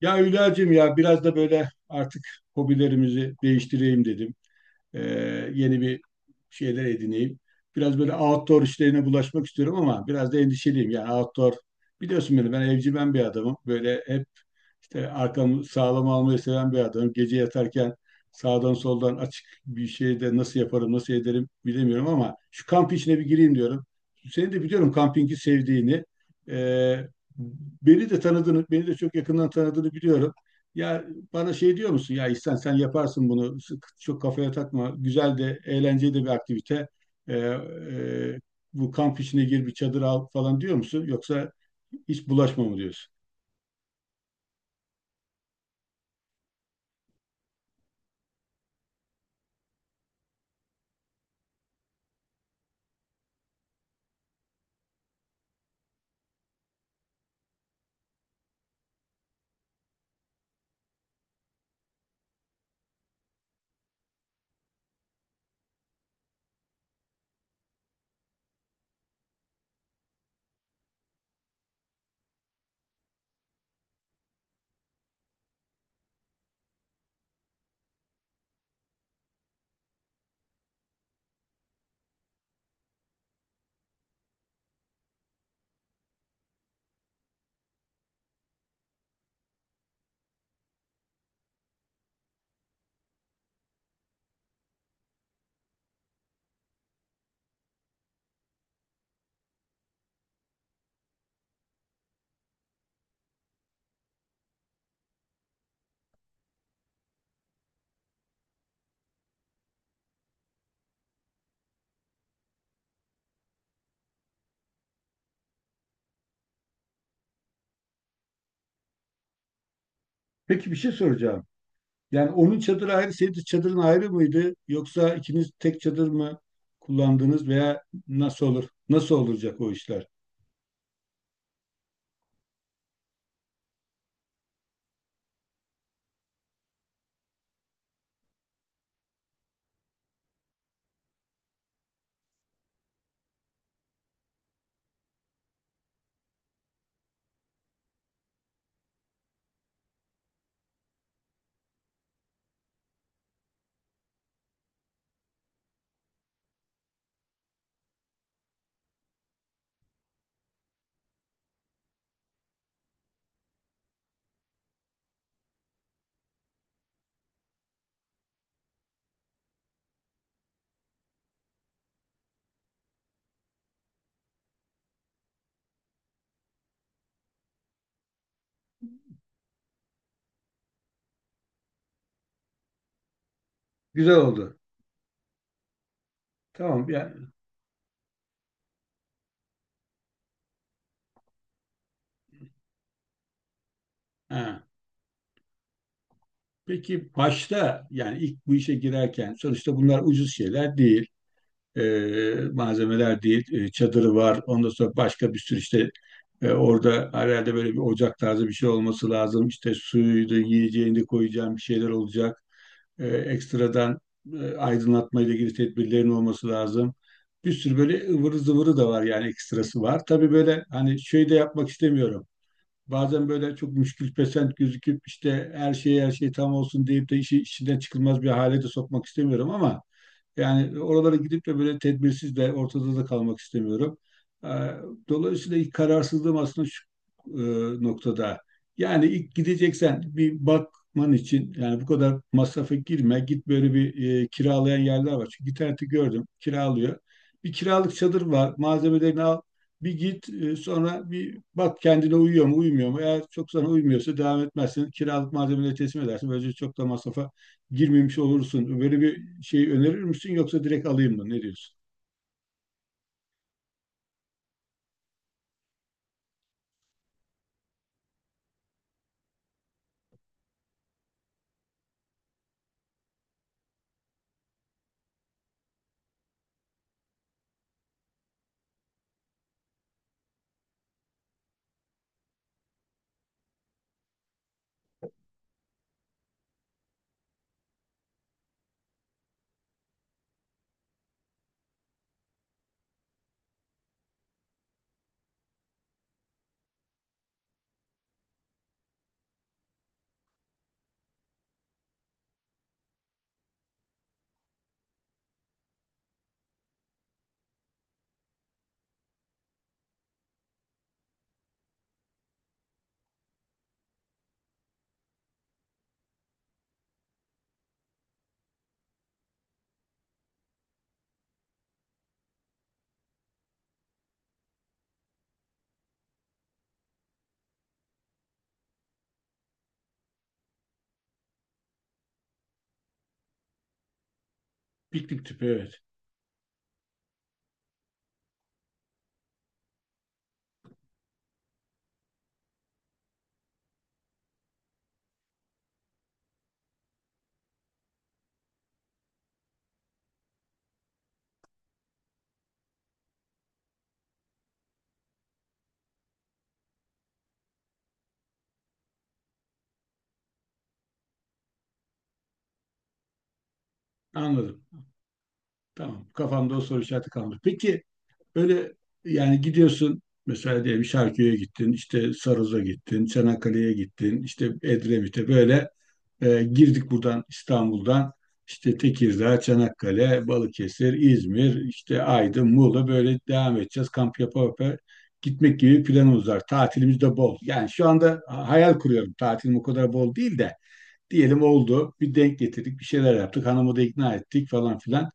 Ya Hülya'cığım, ya biraz da böyle artık hobilerimizi değiştireyim dedim. Ee, Yeni bir şeyler edineyim. Biraz böyle outdoor işlerine bulaşmak istiyorum ama biraz da endişeliyim. Yani outdoor, biliyorsun beni, ben evcimen bir adamım. Böyle hep arkamı sağlam almayı seven bir adamım. Gece yatarken sağdan soldan açık bir şey de nasıl yaparım, nasıl ederim bilemiyorum ama şu kamp işine bir gireyim diyorum. Seni de biliyorum kampingi sevdiğini. E, Beni de tanıdığını, beni de çok yakından tanıdığını biliyorum. Ya bana şey diyor musun? Ya İhsan, sen yaparsın bunu. Çok kafaya takma. Güzel de, eğlenceli de bir aktivite. E, e, Bu kamp işine gir, bir çadır al falan diyor musun? Yoksa hiç bulaşma mı diyorsun? Peki bir şey soracağım. Yani onun çadırı ayrı, senin de çadırın ayrı mıydı? Yoksa ikiniz tek çadır mı kullandınız veya nasıl olur? Nasıl olacak o işler? Güzel oldu. Tamam yani. Ha. Peki başta, yani ilk bu işe girerken, sonuçta bunlar ucuz şeyler değil. Malzemeler değil. Çadırı var. Ondan sonra başka bir sürü işte orada herhalde böyle bir ocak tarzı bir şey olması lazım. İşte suyuydu, yiyeceğini koyacağım bir şeyler olacak. Ekstradan aydınlatma ile ilgili tedbirlerin olması lazım. Bir sürü böyle ıvırı zıvırı da var, yani ekstrası var. Tabii böyle hani şey de yapmak istemiyorum. Bazen böyle çok müşkülpesent gözüküp işte her şey tam olsun deyip de işi işinden çıkılmaz bir hale de sokmak istemiyorum ama yani oralara gidip de böyle tedbirsiz de ortada da kalmak istemiyorum. Ee, Dolayısıyla ilk kararsızlığım aslında şu noktada. Yani ilk gideceksen, bir bakman için, yani bu kadar masrafa girme. Git, böyle bir kiralayan yerler var. Çünkü internette gördüm, kiralıyor. Bir kiralık çadır var. Malzemelerini al. Bir git, sonra bir bak kendine uyuyor mu uymuyor mu. Eğer çok sana uymuyorsa devam etmezsin. Kiralık malzemeleri teslim edersin. Böylece çok da masrafa girmemiş olursun. Böyle bir şey önerir misin, yoksa direkt alayım mı? Ne diyorsun? Piknik tüpü, evet. Anladım. Tamam. Kafamda o soru işareti kaldı. Peki, böyle, yani gidiyorsun mesela, diyelim Şarköy'e gittin, işte Sarız'a gittin, Çanakkale'ye gittin, işte Edremit'e, böyle girdik buradan İstanbul'dan, işte Tekirdağ, Çanakkale, Balıkesir, İzmir, işte Aydın, Muğla, böyle devam edeceğiz. Kamp yapa yapa gitmek gibi planımız var. Tatilimiz de bol. Yani şu anda hayal kuruyorum. Tatilim o kadar bol değil de diyelim oldu. Bir denk getirdik, bir şeyler yaptık. Hanımı da ikna ettik falan filan.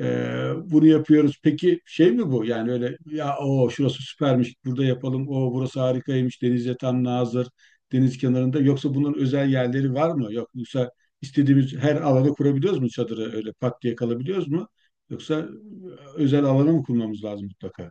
Bunu yapıyoruz. Peki şey mi bu? Yani öyle ya, o şurası süpermiş burada yapalım. O burası harikaymış. Denize tam nazır. Deniz kenarında. Yoksa bunun özel yerleri var mı? Yok, yoksa istediğimiz her alana kurabiliyoruz mu çadırı, öyle pat diye kalabiliyoruz mu? Yoksa özel alana mı kurmamız lazım mutlaka?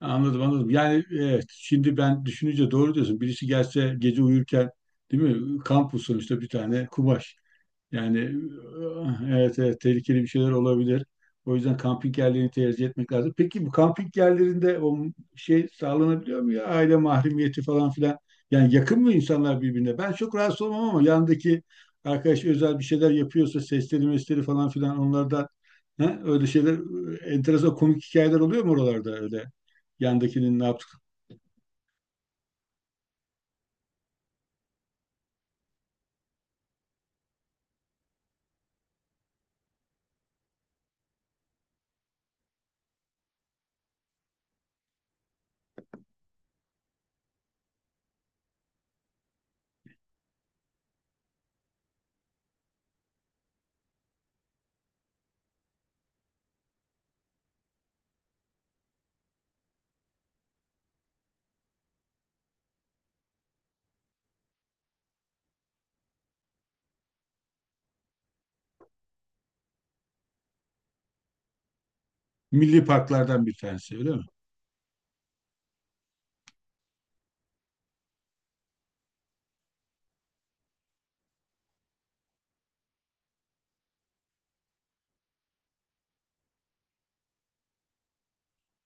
Anladım, anladım. Yani evet, şimdi ben düşününce doğru diyorsun. Birisi gelse gece uyurken, değil mi? Kamp usulü işte, bir tane kumaş. Yani evet, evet, tehlikeli bir şeyler olabilir. O yüzden kamping yerlerini tercih etmek lazım. Peki bu kamping yerlerinde o şey sağlanabiliyor mu ya? Aile mahremiyeti falan filan. Yani yakın mı insanlar birbirine? Ben çok rahatsız olmam ama yandaki arkadaş özel bir şeyler yapıyorsa sesleri, mesleri falan filan, onlarda, he? Öyle şeyler, enteresan komik hikayeler oluyor mu oralarda öyle? Yandakinin ne yaptık? Milli parklardan bir tanesi öyle mi?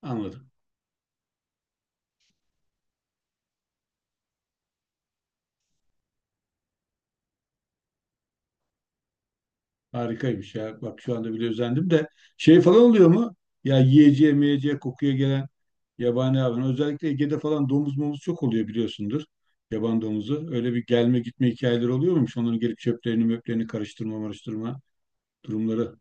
Anladım. Harikaymış ya. Bak şu anda bile özendim de şey falan oluyor mu? Ya yiyeceğe, meyeceğe, kokuya gelen yabani hayvan. Özellikle Ege'de falan domuz momuz çok oluyor biliyorsundur. Yaban domuzu. Öyle bir gelme gitme hikayeleri oluyor muymuş? Onların gelip çöplerini möplerini karıştırma marıştırma durumları.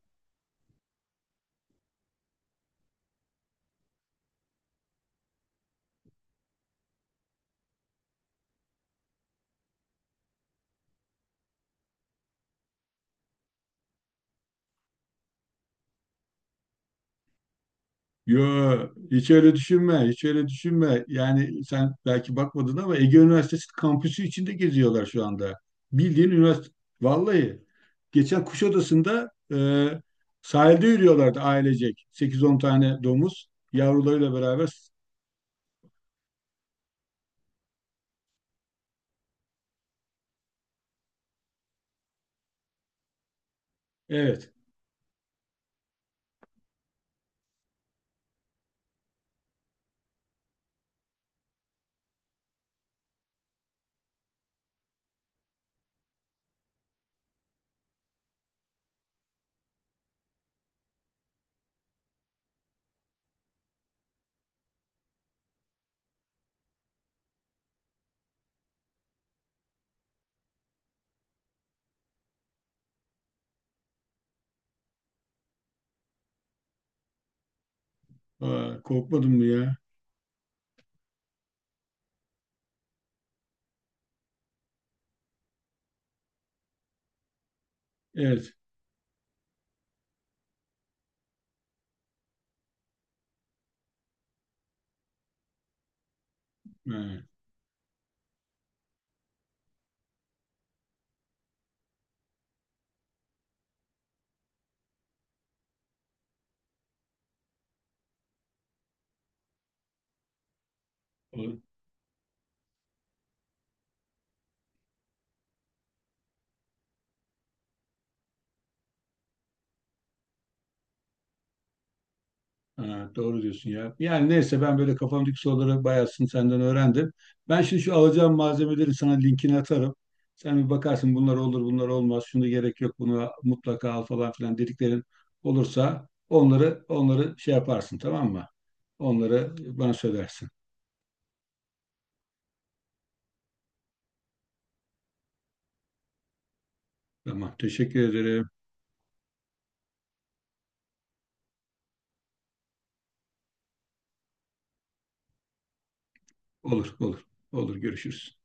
Yo, hiç öyle düşünme, hiç öyle düşünme. Yani sen belki bakmadın ama Ege Üniversitesi kampüsü içinde geziyorlar şu anda. Bildiğin üniversite, vallahi. Geçen Kuşadası'nda, sahilde yürüyorlardı ailecek. 8-10 tane domuz, yavrularıyla beraber. Evet. Aa, korkmadın mı ya? Evet. Ha. Ha, doğru diyorsun ya. Yani neyse, ben böyle kafamdaki soruları bayağısını senden öğrendim. Ben şimdi şu alacağım malzemeleri sana linkini atarım. Sen bir bakarsın, bunlar olur bunlar olmaz. Şunu gerek yok, bunu mutlaka al falan filan dediklerin olursa onları şey yaparsın, tamam mı? Onları bana söylersin. Tamam, teşekkür ederim. Olur olur, olur, görüşürüz.